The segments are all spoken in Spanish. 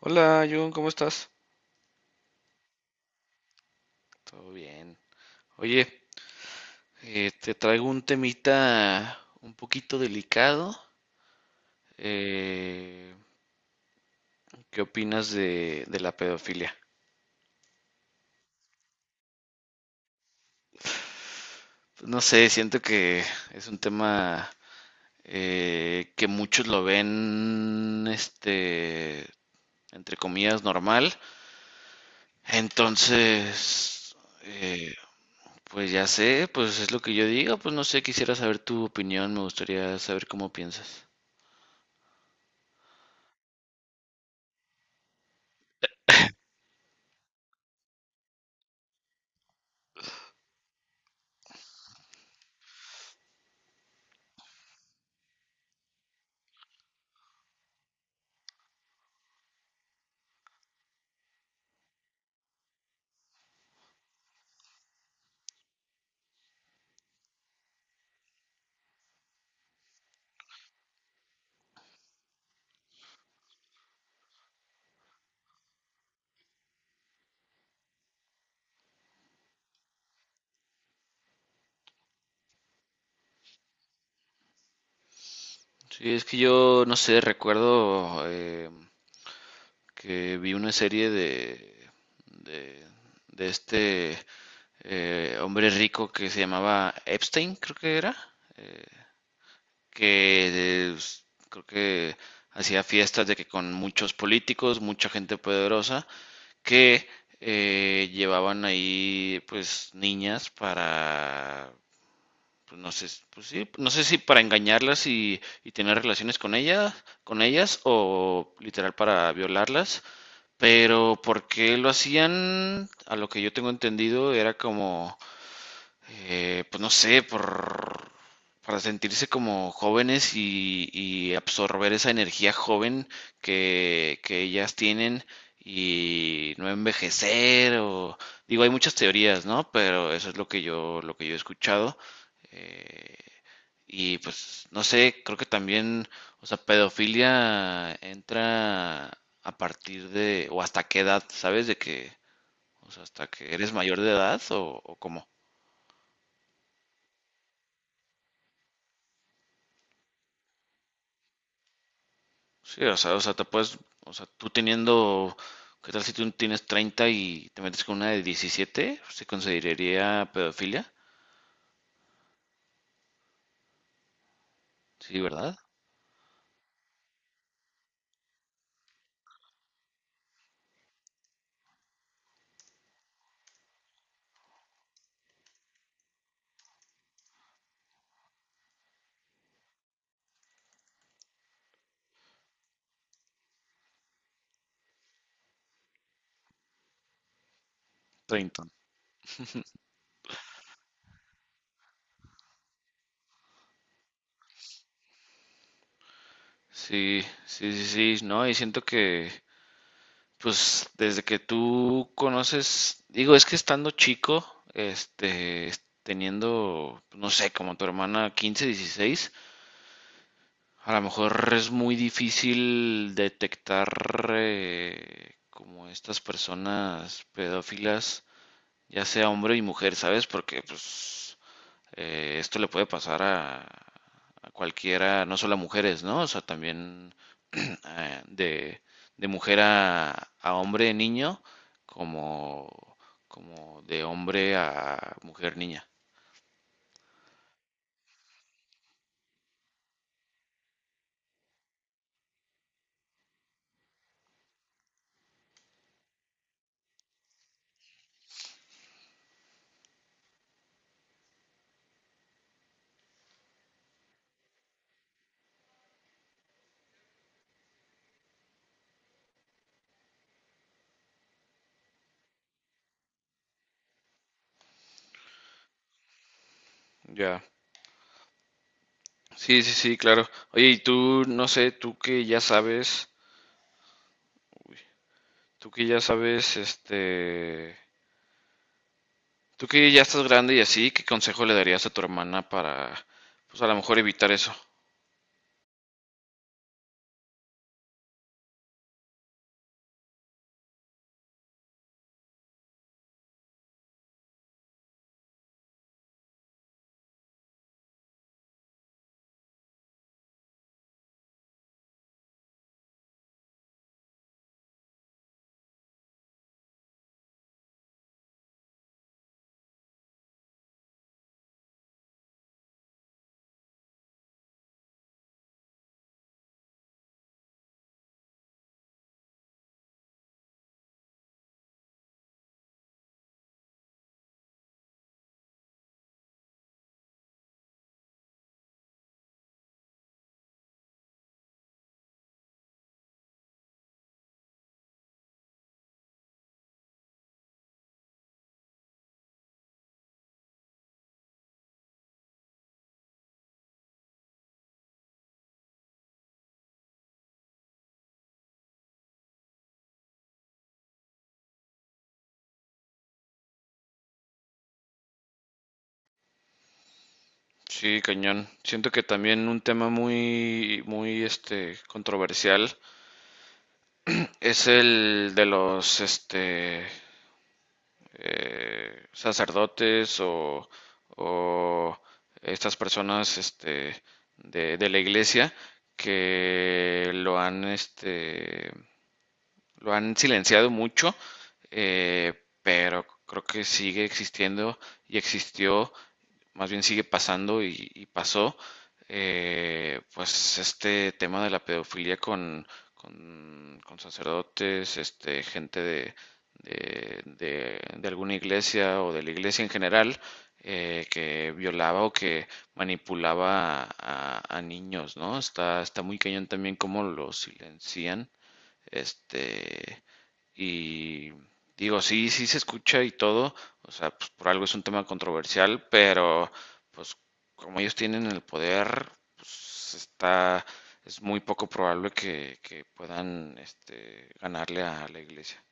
Hola, Jun, ¿cómo estás? Todo bien. Oye, te traigo un temita un poquito delicado. Eh, ¿Qué opinas de la pedofilia? No sé, siento que es un tema que muchos lo ven, este, entre comillas, normal. Entonces, eh, pues ya sé, pues es lo que yo digo. Pues no sé, quisiera saber tu opinión, me gustaría saber cómo piensas. Sí, es que yo, no sé, recuerdo que vi una serie de, de este hombre rico que se llamaba Epstein, creo que era, que eh, s- creo que hacía fiestas de que con muchos políticos, mucha gente poderosa, que llevaban ahí pues niñas para pues no sé, pues sí, no sé si para engañarlas y tener relaciones con ellas, o literal para violarlas, pero ¿por qué lo hacían? A lo que yo tengo entendido era como pues no sé, para sentirse como jóvenes y absorber esa energía joven que ellas tienen y no envejecer o digo, hay muchas teorías, ¿no? Pero eso es lo que yo he escuchado. eh, y pues no sé, creo que también, o sea, pedofilia entra a partir de, o hasta qué edad, ¿sabes? De que, o sea, hasta que eres mayor de edad o cómo. Sí, o sea, te puedes, o sea, tú teniendo, ¿qué tal si tú tienes 30 y te metes con una de 17? ¿Se consideraría pedofilia? Sí, ¿verdad? 30. Sí, sí, sí, sí, no, y siento que, pues, desde que tú conoces, digo, es que estando chico, este, teniendo, no sé, como tu hermana 15, 16, a lo mejor es muy difícil detectar como estas personas pedófilas ya sea hombre y mujer, ¿sabes? Porque pues esto le puede pasar a cualquiera, no solo a mujeres, ¿no? O sea, también eh, de, de mujer a hombre niño, como, como de hombre a mujer niña. Ya. Sí, sí, sí, claro. Oye, y tú, no sé, tú que ya sabes, este, tú que ya estás grande y así, ¿qué consejo le darías a tu hermana para, pues a lo mejor evitar eso? Sí, cañón. Siento que también un tema muy, muy, este, controversial es el de los, este, sacerdotes o estas personas, este, de la iglesia que lo han, este, lo han silenciado mucho, eh, pero creo que sigue existiendo y existió, más bien sigue pasando y pasó, pues este tema de la pedofilia con sacerdotes, este, gente de alguna iglesia o de la iglesia en general, que violaba o que manipulaba a niños, ¿no? Está, está muy cañón también cómo lo silencian este, y digo, sí, sí se escucha y todo, o sea, pues por algo es un tema controversial, pero pues como ellos tienen el poder, pues está, es muy poco probable que puedan este, ganarle a la iglesia.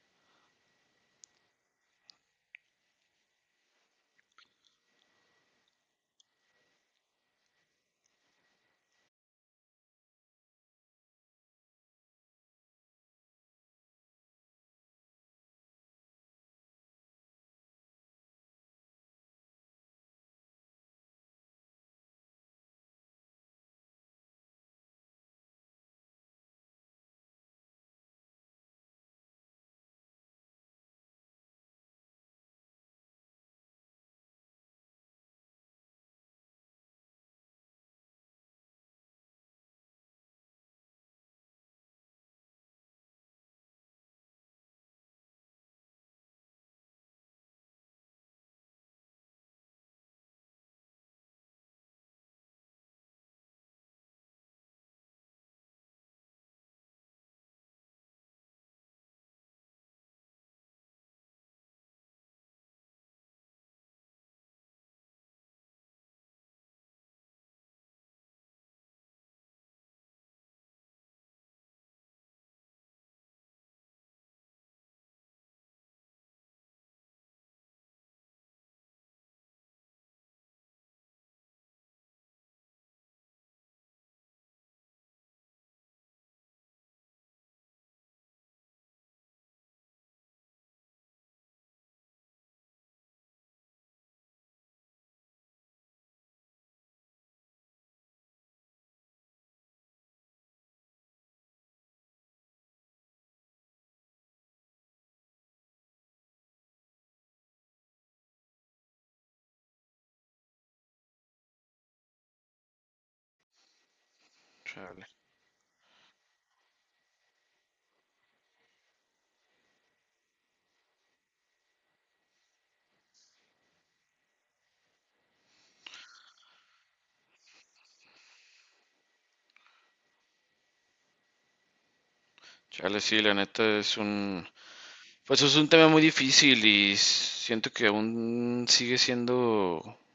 Chale. Chale, sí, la neta es un, pues es un tema muy difícil y siento que aún sigue siendo,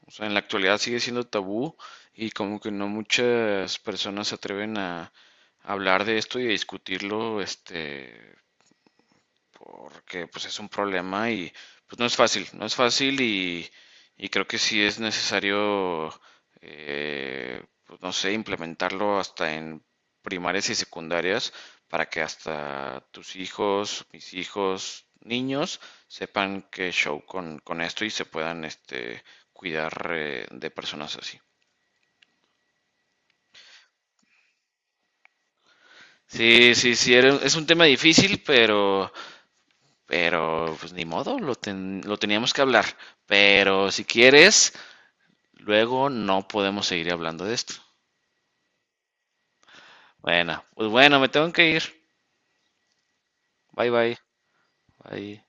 o sea, en la actualidad sigue siendo tabú y como que no muchas personas se atreven a hablar de esto y a discutirlo, este, porque pues es un problema y pues no es fácil, no es fácil y creo que sí es necesario, pues no sé, implementarlo hasta en primarias y secundarias para que hasta tus hijos, mis hijos, niños sepan qué show con esto y se puedan este, cuidar de personas así. Sí, sí, sí, es un tema difícil, pero pues ni modo, lo teníamos que hablar. Pero si quieres, luego no podemos seguir hablando de esto. Bueno, pues bueno, me tengo que ir. Bye bye. Bye.